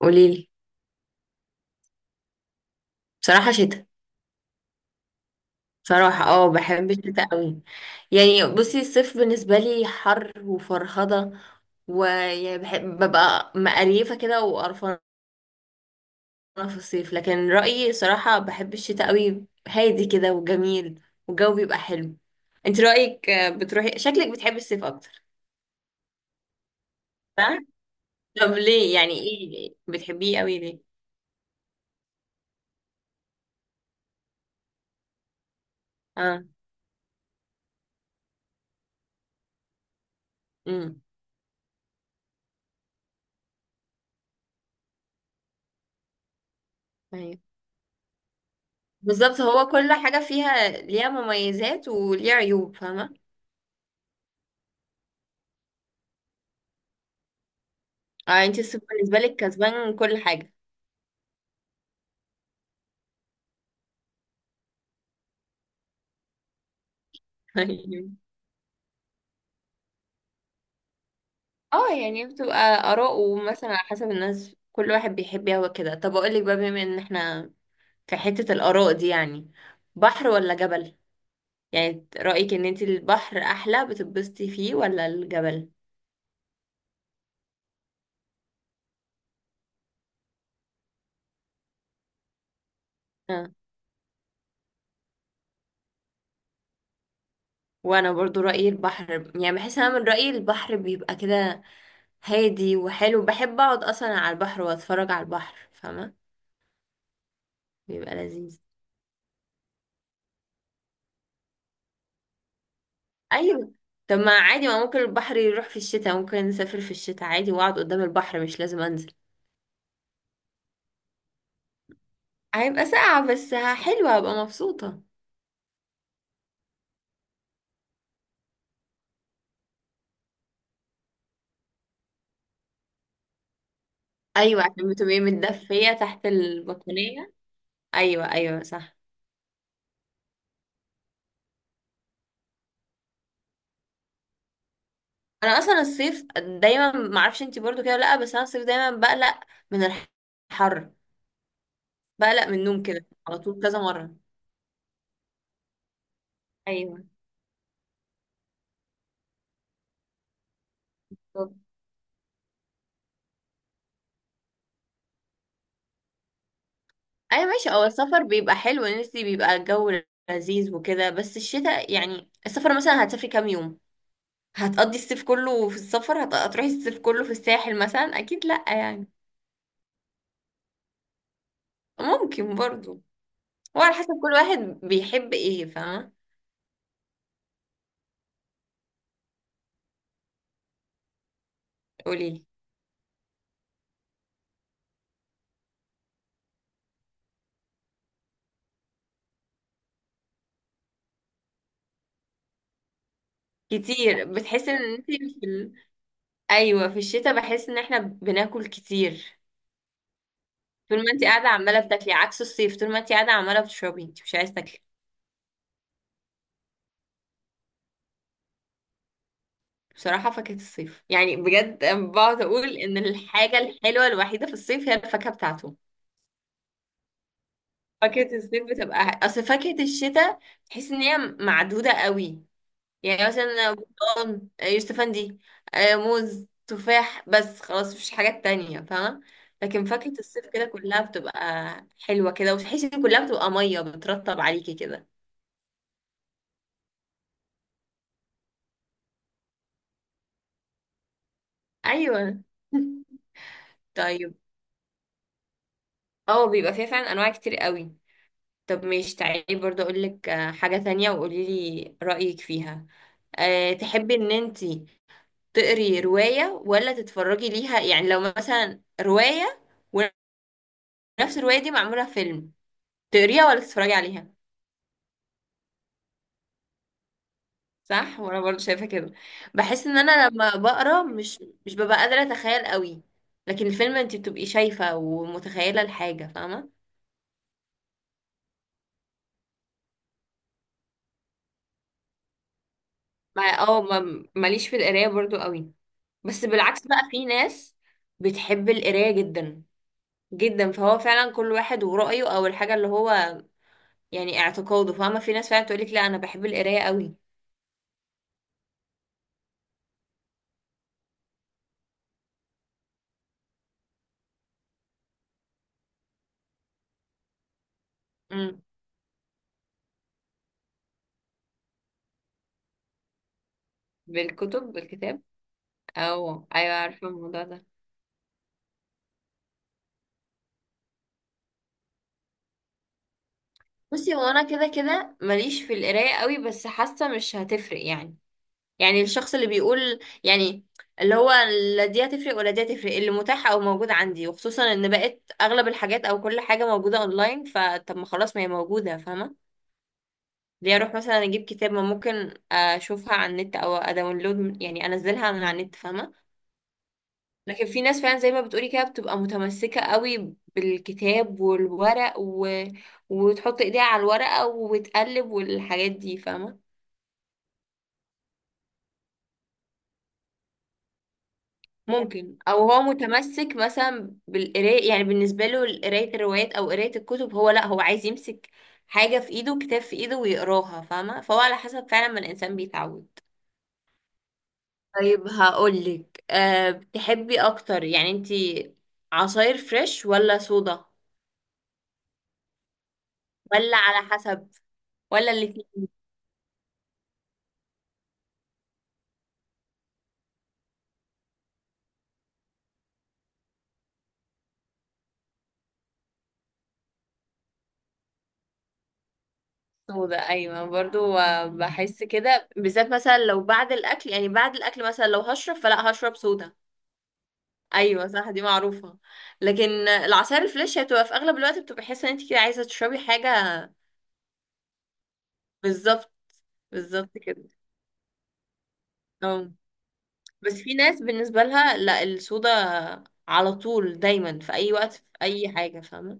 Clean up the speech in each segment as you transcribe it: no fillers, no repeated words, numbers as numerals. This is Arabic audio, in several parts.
قوليلي. بصراحة شتاء. بصراحة بحب الشتاء قوي. يعني بصي الصيف بالنسبة لي حر وفرهضة، ويعني بحب ببقى مقريفة كده وقرفانة في الصيف. لكن رأيي صراحة بحب الشتاء قوي، هادي كده وجميل والجو بيبقى حلو. انت رأيك بتروحي شكلك بتحبي الصيف اكتر؟ صح؟ طب ليه؟ يعني ايه ليه؟ بتحبيه قوي ليه؟ اه. امم أيوة. بالظبط، هو كل حاجة فيها ليها مميزات وليها عيوب، فاهمة. اه، انت الصيف بالنسبة لك كسبان كل حاجة. اه، يعني بتبقى آراء، ومثلا على حسب الناس كل واحد بيحب يهوى كده. طب اقول لك بقى، بما ان احنا في حتة الآراء دي يعني، بحر ولا جبل؟ يعني رأيك ان انت البحر احلى بتتبسطي فيه ولا الجبل؟ اه، وانا برضو رأيي البحر. يعني بحس انا من رأيي البحر بيبقى كده هادي وحلو، بحب اقعد اصلا على البحر واتفرج على البحر، فاهمة، بيبقى لذيذ. ايوه. طب ما عادي، ما ممكن البحر يروح في الشتاء، ممكن نسافر في الشتاء عادي واقعد قدام البحر، مش لازم انزل. هيبقى ساقعة بس حلوة، هبقى مبسوطة. ايوه، عشان بتبقي متدفية تحت البطانية. ايوه ايوه صح. انا اصلا الصيف دايما، ما اعرفش انتي برضو كده ولا لا، بس انا الصيف دايما بقلق من الحر، بقلق من النوم كده على طول كذا مرة. ايوه. طب. ايوه ماشي، هو السفر بيبقى حلو ان انتي بيبقى الجو لذيذ وكده، بس الشتاء يعني السفر مثلا هتسافري كام يوم؟ هتقضي الصيف كله في السفر، هتروحي الصيف كله في الساحل مثلا؟ اكيد لا يعني. ممكن برضو، هو على حسب كل واحد بيحب ايه، فاهمه. قوليلي. كتير بتحسي ان انت في. ايوه، في الشتاء بحس ان احنا بناكل كتير. طول ما انت قاعده عماله بتاكلي، عكس الصيف طول ما انت قاعده عماله بتشربي، انت مش عايزه تاكلي. بصراحه فاكهه الصيف، يعني بجد أنا بقعد اقول ان الحاجه الحلوه الوحيده في الصيف هي الفاكهه بتاعته. فاكهه الصيف بتبقى اصل فاكهه الشتاء تحس ان هي معدوده قوي. يعني مثلا برتقال، يوسف افندي، موز، تفاح، بس خلاص مفيش حاجات تانية، فاهمة. لكن فاكهة الصيف كده كلها بتبقى حلوة كده، وتحسي ان كلها بتبقى مية بترطب عليكي كده. ايوه. طيب. اه، بيبقى فيها فعلا انواع كتير قوي. طب مش تعالي برضه اقول لك حاجة تانية وقولي لي رأيك فيها. تحبي ان انتي تقري رواية ولا تتفرجي ليها؟ يعني لو مثلا رواية ونفس الرواية دي معمولة فيلم، تقريها ولا تتفرجي عليها؟ صح، وانا برضو شايفه كده. بحس ان انا لما بقرا مش ببقى قادره اتخيل قوي، لكن الفيلم انت بتبقي شايفه ومتخيله الحاجه، فاهمه. ما اه ما- ماليش في القرايه برضو قوي، بس بالعكس بقى في ناس بتحب القرايه جدا جدا. فهو فعلا كل واحد ورأيه، او الحاجه اللي هو يعني اعتقاده، فاهمه، في ناس فعلا تقولك لا انا بحب القرايه قوي. امم. بالكتب، بالكتاب؟ او ايوه، عارفه الموضوع ده. بصي، هو انا كده كده ماليش في القرايه قوي، بس حاسه مش هتفرق يعني. يعني الشخص اللي بيقول يعني اللي هو لا دي هتفرق ولا دي هتفرق، اللي متاح او موجود عندي، وخصوصا ان بقت اغلب الحاجات او كل حاجه موجوده اونلاين، فطب ما خلاص ما هي موجوده، فاهمه. ليه اروح مثلا اجيب كتاب ما ممكن اشوفها على النت او اداونلود، يعني انزلها من على النت، فاهمه. لكن في ناس فعلا زي ما بتقولي كده بتبقى متمسكة قوي بالكتاب والورق وتحط ايديها على الورقة وتقلب والحاجات دي، فاهمة. ممكن، او هو متمسك مثلا بالقراية يعني، بالنسبة له قراية الروايات او قراية الكتب، هو لا هو عايز يمسك حاجة في ايده، كتاب في ايده ويقراها، فاهمة. فهو على حسب فعلا ما الانسان بيتعود. طيب هقولك. بتحبي اكتر يعني انتي عصاير فريش ولا صودا، ولا على حسب، ولا الاتنين؟ سودا؟ ايوه برضو، بحس كده بالذات مثلا لو بعد الاكل، يعني بعد الاكل مثلا لو هشرب فلا هشرب سودا. ايوه صح، دي معروفه. لكن العصاير الفريش هي بتبقى في اغلب الوقت، بتبقى حاسه ان انت كده عايزه تشربي حاجه. بالظبط. بالظبط كده. اه. بس في ناس بالنسبه لها لا السودا على طول، دايما في اي وقت في اي حاجه، فاهمه.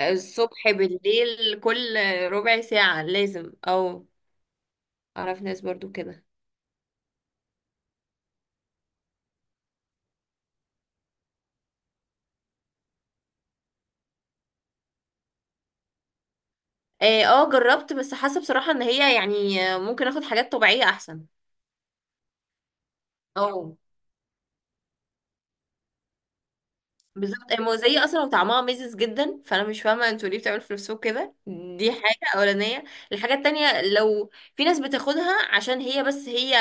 الصبح بالليل كل ربع ساعه لازم او. اعرف ناس برضو كده. جربت بس حاسه بصراحه ان هي يعني، ممكن اخد حاجات طبيعيه احسن. اه بالظبط، الموزية اصلا وطعمها ميزز جدا، فانا مش فاهمه انتوا ليه بتعملوا في نفسكم كده. دي حاجه اولانيه. الحاجه التانية، لو في ناس بتاخدها عشان هي بس هي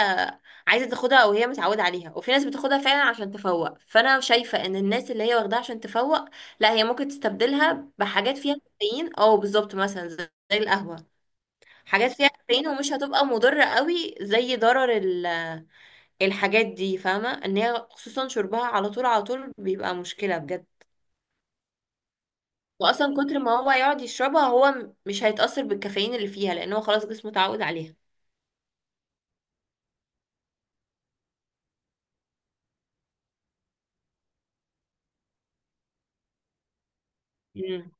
عايزه تاخدها او هي متعوده عليها، وفي ناس بتاخدها فعلا عشان تفوق، فانا شايفه ان الناس اللي هي واخداها عشان تفوق لا، هي ممكن تستبدلها بحاجات فيها كافيين، اه بالظبط، مثلا زي القهوه. حاجات فيها كافيين ومش هتبقى مضره قوي زي ضرر الحاجات دي، فاهمة ان هي خصوصا شربها على طول على طول بيبقى مشكلة بجد. واصلا كتر ما هو يقعد يشربها هو مش هيتأثر بالكافيين اللي فيها، لان هو خلاص جسمه اتعود عليها. امم.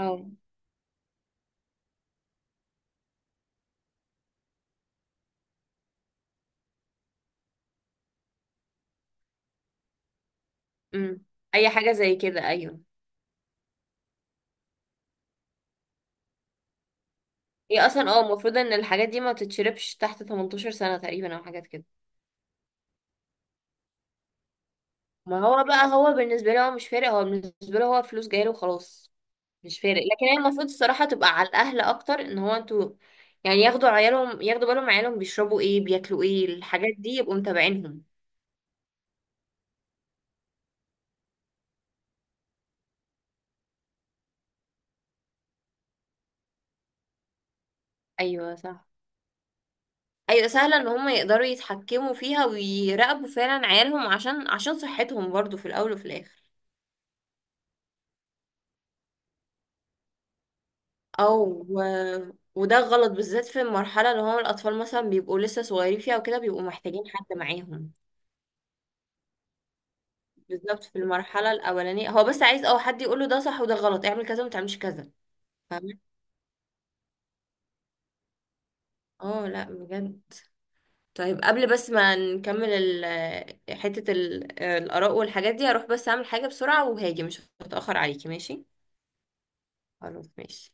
أو. امم. اي حاجة زي كده، ايوه. هي اصلا المفروض ان الحاجات دي ما تتشربش تحت 18 سنة تقريبا، او حاجات كده. ما هو بقى هو بالنسبة له هو مش فارق، هو بالنسبة له هو فلوس جايله وخلاص. مش فارق، لكن هي المفروض الصراحة تبقى على الأهل أكتر، إن هو انتوا يعني ياخدوا عيالهم، ياخدوا بالهم عيالهم بيشربوا ايه، بياكلوا ايه، الحاجات دي، يبقوا متابعينهم. أيوة صح. أيوة سهلة إن هم يقدروا يتحكموا فيها ويراقبوا فعلا عيالهم، عشان صحتهم برضو في الأول وفي الآخر. وده غلط بالذات في المرحلة اللي هم الأطفال مثلا بيبقوا لسه صغيرين فيها وكده، بيبقوا محتاجين حد معاهم. بالظبط، في المرحلة الأولانية هو بس عايز أو حد يقوله ده صح وده غلط، اعمل كذا ومتعملش كذا، فاهمة. اه لا بجد. طيب قبل بس ما نكمل ال- آه، حتة ال- آه، الآراء والحاجات دي، هروح بس أعمل حاجة بسرعة وهاجي، مش هتأخر عليكي ماشي؟ خلاص ماشي.